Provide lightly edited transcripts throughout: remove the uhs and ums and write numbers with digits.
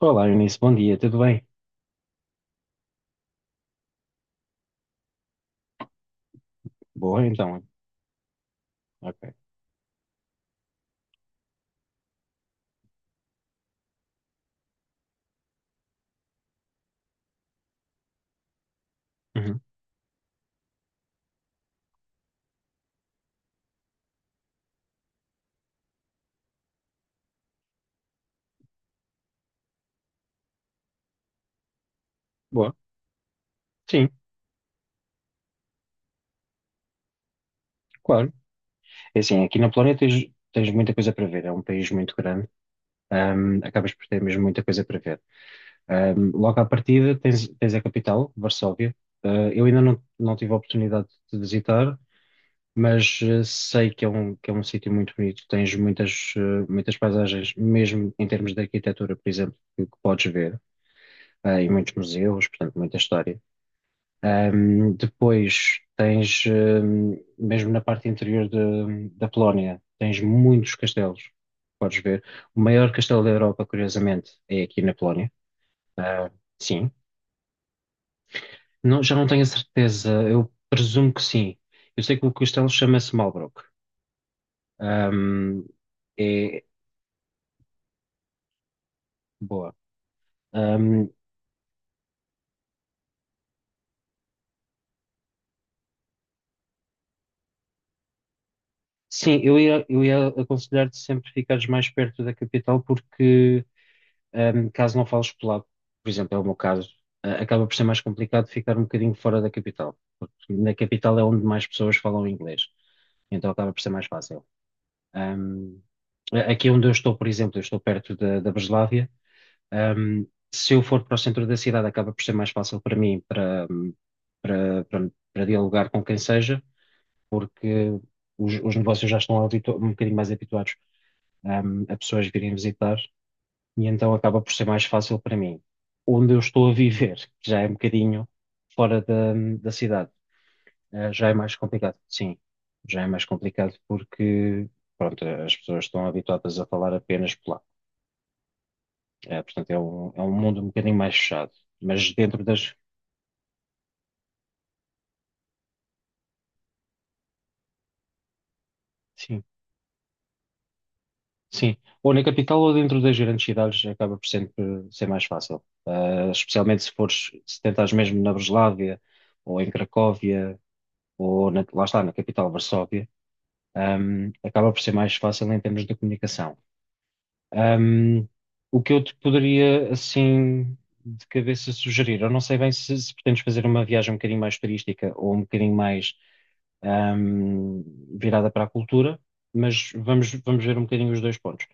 Olá, Eunice, bom dia, tudo bem? Boa, então. Ok. Uhum. Boa. Sim, claro. É assim, aqui na Polónia tens muita coisa para ver, é um país muito grande, acabas por ter mesmo muita coisa para ver. Logo à partida tens a capital, Varsóvia. Ah, eu ainda não tive a oportunidade de visitar, mas sei que é um sítio muito bonito, tens muitas, muitas paisagens, mesmo em termos de arquitetura, por exemplo, que podes ver, ah, e muitos museus, portanto, muita história. Depois tens, mesmo na parte interior da Polónia, tens muitos castelos, podes ver. O maior castelo da Europa, curiosamente, é aqui na Polónia. Ah, sim. Já não tenho a certeza, eu presumo que sim. Eu sei que o castelo chama-se Malbrück. Ahm, É boa. Ahm, sim, eu ia aconselhar-te sempre ficares mais perto da capital porque caso não fales polaco, por exemplo, é o meu caso, acaba por ser mais complicado ficar um bocadinho fora da capital, porque na capital é onde mais pessoas falam inglês, então acaba por ser mais fácil. Um, Aqui onde eu estou, por exemplo, eu estou perto da Breslávia, um, se eu for para o centro da cidade, acaba por ser mais fácil para mim para, para dialogar com quem seja, porque os negócios já estão um bocadinho mais habituados, a pessoas virem visitar e então acaba por ser mais fácil para mim. Onde eu estou a viver, que já é um bocadinho fora da cidade, já é mais complicado, sim, já é mais complicado porque, pronto, as pessoas estão habituadas a falar apenas polaco. Portanto é é um mundo um bocadinho mais fechado, mas dentro das, sim, sim, ou na capital ou dentro das grandes cidades acaba por sempre ser mais fácil. Especialmente se fores, se tentares mesmo na Breslávia ou em Cracóvia ou lá está, na capital, Varsóvia. Acaba por ser mais fácil em termos de comunicação. Um, o que eu te poderia, assim, de cabeça sugerir, eu não sei bem se, se pretendes fazer uma viagem um bocadinho mais turística ou um bocadinho mais, virada para a cultura, mas vamos ver um bocadinho os dois pontos.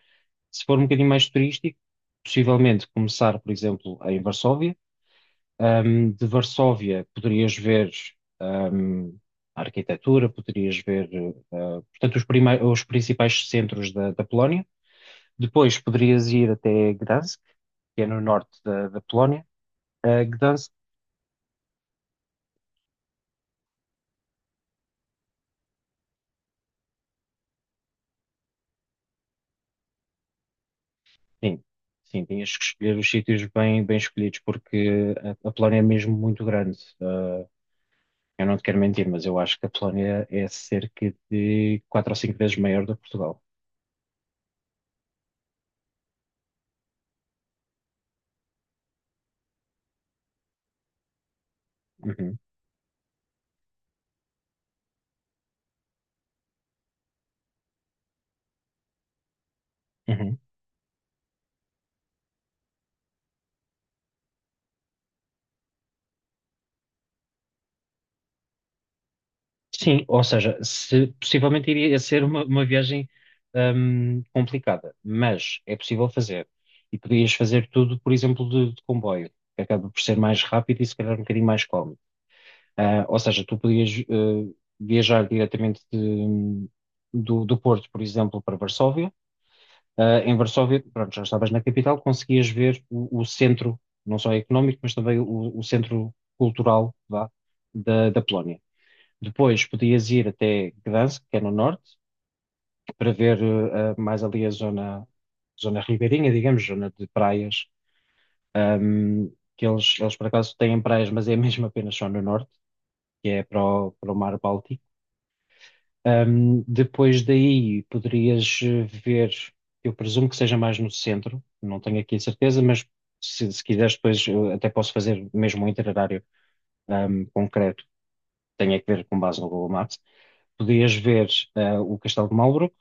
Se for um bocadinho mais turístico, possivelmente começar, por exemplo, em Varsóvia. De Varsóvia poderias ver ahm, a arquitetura, poderias ver, ah, portanto, os, os principais centros da Polónia. Depois poderias ir até Gdansk, que é no norte da Polónia. Ah, Gdansk, sim, sim, tinhas que escolher os sítios bem, bem escolhidos, porque a Polónia é mesmo muito grande. Ah, eu não te quero mentir, mas eu acho que a Polónia é cerca de quatro ou cinco vezes maior do que Portugal. Uhum, uhum. Sim, ou seja, possivelmente iria ser uma viagem complicada, mas é possível fazer. E podias fazer tudo, por exemplo, de comboio, que acaba por ser mais rápido e se calhar um bocadinho mais cómodo. Ah, ou seja, tu podias viajar diretamente do Porto, por exemplo, para Varsóvia. Ah, em Varsóvia, pronto, já estavas na capital, conseguias ver o centro, não só económico, mas também o centro cultural, vá, da Polónia. Depois podias ir até Gdansk, que é no norte, para ver mais ali a zona, zona ribeirinha, digamos, zona de praias, ahm, que eles por acaso têm praias, mas é mesmo apenas só no norte, que é para para o mar Báltico. Depois daí poderias ver, eu presumo que seja mais no centro, não tenho aqui a certeza, mas se quiseres depois eu até posso fazer mesmo um itinerário concreto, tenho é que ver com base no Google Maps. Podias ver o Castelo de Marlborough,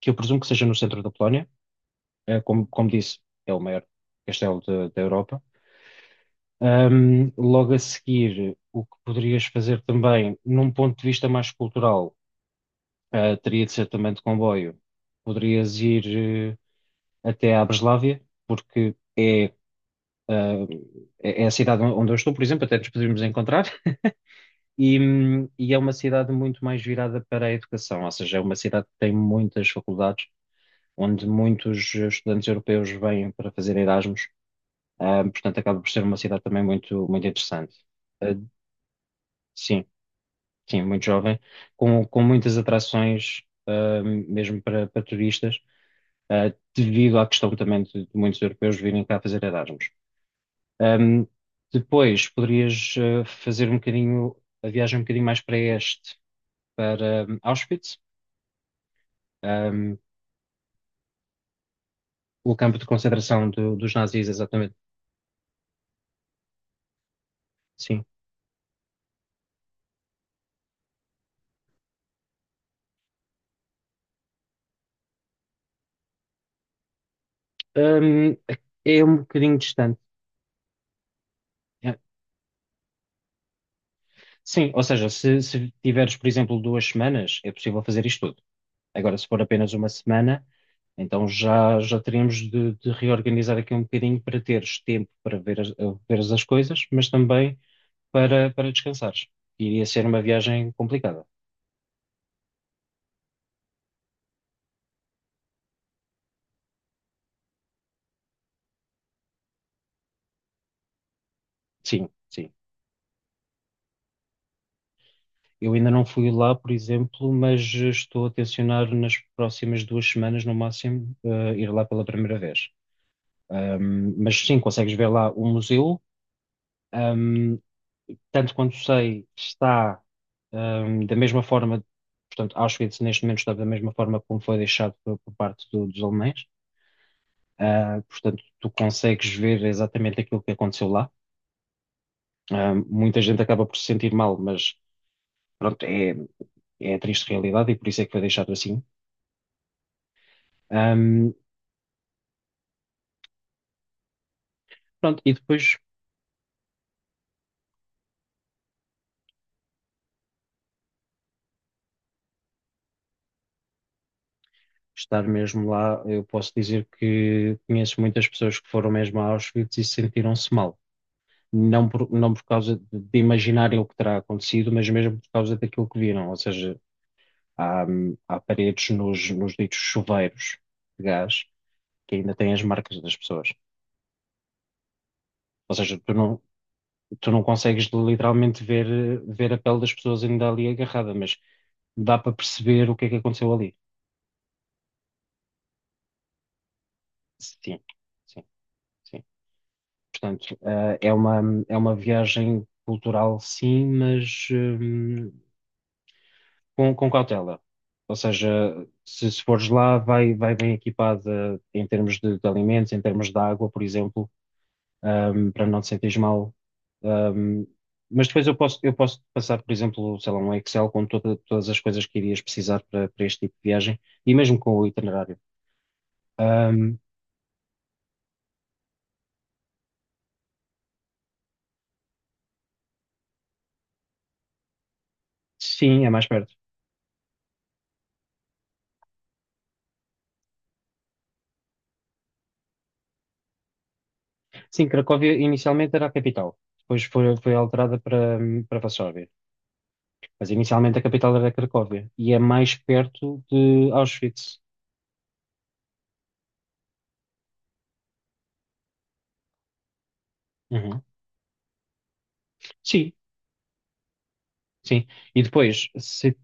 que eu presumo que seja no centro da Polónia. Como disse, é o maior castelo da Europa. Logo a seguir, o que poderias fazer também, num ponto de vista mais cultural, teria de ser também de comboio. Poderias ir, até à Breslávia, porque é, ah, é a cidade onde eu estou, por exemplo, até nos poderíamos encontrar, e é uma cidade muito mais virada para a educação, ou seja, é uma cidade que tem muitas faculdades, onde muitos estudantes europeus vêm para fazer Erasmus. Portanto, acaba por ser uma cidade também muito interessante. Ah, sim, sim, muito jovem, com muitas atrações, mesmo para, para turistas, ah, devido à questão também de muitos europeus virem cá fazer Erasmus. Ahm, Depois, poderias ah, fazer um bocadinho, a viagem um bocadinho mais para este, para Auschwitz, ahm, o campo de concentração dos nazis, exatamente, sim. Ahm, É um bocadinho distante. Ah, sim, ou seja, se tiveres, por exemplo, duas semanas, é possível fazer isto tudo. Agora, se for apenas uma semana, então já teríamos de reorganizar aqui um bocadinho para teres tempo para ver as, veres as coisas, mas também para descansares. Iria ser uma viagem complicada. Sim, sim. Eu ainda não fui lá, por exemplo, mas estou a tencionar nas próximas duas semanas, no máximo, ir lá pela primeira vez. Mas sim, consegues ver lá o museu. Tanto quanto sei, está da mesma forma, portanto, Auschwitz neste momento está da mesma forma como foi deixado por parte dos alemães. Ah, portanto, tu consegues ver exatamente aquilo que aconteceu lá. Ah, muita gente acaba por se sentir mal, mas pronto, é, é a triste realidade e por isso é que foi deixado assim. Ahm, Pronto, e depois estar mesmo lá, eu posso dizer que conheço muitas pessoas que foram mesmo a Auschwitz e sentiram-se mal. Não por causa de imaginarem o que terá acontecido, mas mesmo por causa daquilo que viram. Ou seja, há, há paredes nos ditos chuveiros de gás que ainda têm as marcas das pessoas. Ou seja, tu não consegues literalmente ver, ver a pele das pessoas ainda ali agarrada, mas dá para perceber o que é que aconteceu ali. Sim, sim, sim. Portanto, é uma viagem cultural, sim, mas, com cautela. Ou seja, se fores lá, vai, vai bem equipada em termos de alimentos, em termos de água, por exemplo, para não te sentires mal. Ahm, mas depois eu posso passar, por exemplo, sei lá, um Excel com todas as coisas que irias precisar para, para este tipo de viagem e mesmo com o itinerário. Ahm, sim, é mais perto. Sim, Cracóvia inicialmente era a capital, depois foi, foi alterada para, para Varsóvia. Mas inicialmente a capital era Cracóvia e é mais perto de Auschwitz. Uhum. Sim, sim. E depois,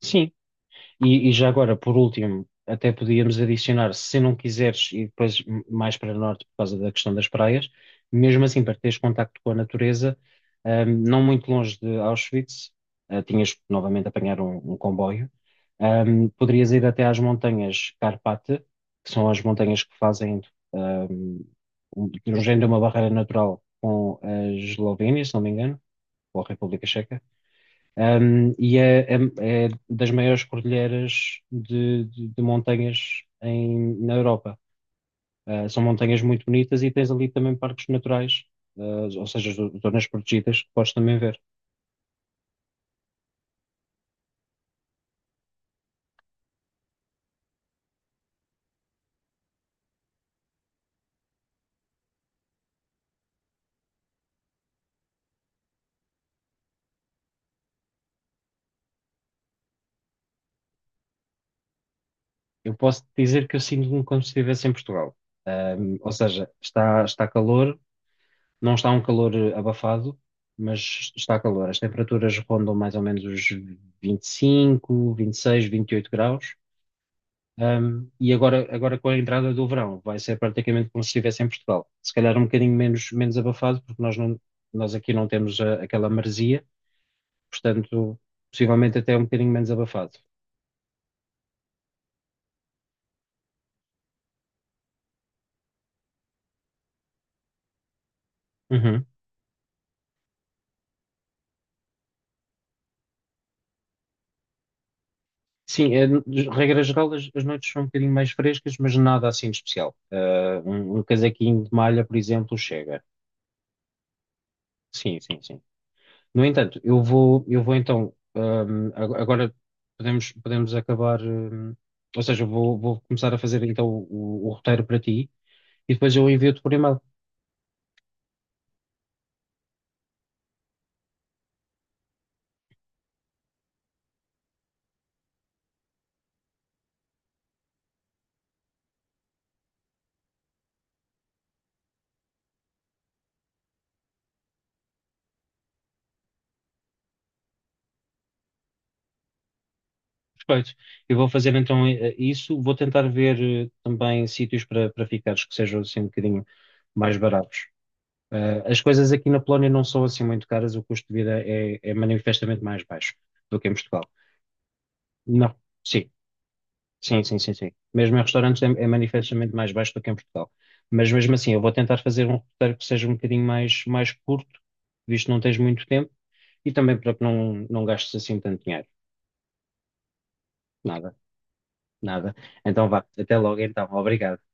sim. E já agora, por último, até podíamos adicionar, se não quiseres, e depois mais para norte, por causa da questão das praias, mesmo assim, para teres contacto com a natureza, não muito longe de Auschwitz, ah, tinhas que novamente apanhar um comboio, poderias ir até às montanhas Karpat, que são as montanhas que fazem, ahm, de um género de uma barreira natural com a Eslovénia, se não me engano, ou a República Checa. E é, é das maiores cordilheiras de, de montanhas na Europa. São montanhas muito bonitas e tens ali também parques naturais, ou seja, zonas protegidas que podes também ver. Eu posso dizer que eu sinto-me como se estivesse em Portugal. Ou seja, está calor, não está um calor abafado, mas está calor. As temperaturas rondam mais ou menos os 25, 26, 28 graus. E agora com a entrada do verão, vai ser praticamente como se estivesse em Portugal. Se calhar um bocadinho menos, menos abafado, porque nós aqui não temos aquela maresia, portanto, possivelmente até um bocadinho menos abafado. Uhum. Sim, é, de regra geral, as noites são um bocadinho mais frescas, mas nada assim de especial. Um casaquinho de malha, por exemplo, chega. Sim, sim, sim. No entanto, eu vou então, agora podemos, podemos acabar, ou seja, vou começar a fazer então o roteiro para ti e depois eu envio-te por e-mail. Perfeito. Eu vou fazer então isso, vou tentar ver também sítios para, para ficares que sejam assim um bocadinho mais baratos. As coisas aqui na Polónia não são assim muito caras, o custo de vida é manifestamente mais baixo do que em Portugal. Não, sim. Sim, sim, sim, sim. Mesmo em restaurantes é manifestamente mais baixo do que em Portugal. Mas mesmo assim, eu vou tentar fazer um roteiro que seja um bocadinho mais, mais curto, visto que não tens muito tempo, e também para que não gastes assim tanto dinheiro. Nada, nada. Então vá, até logo então. Obrigado.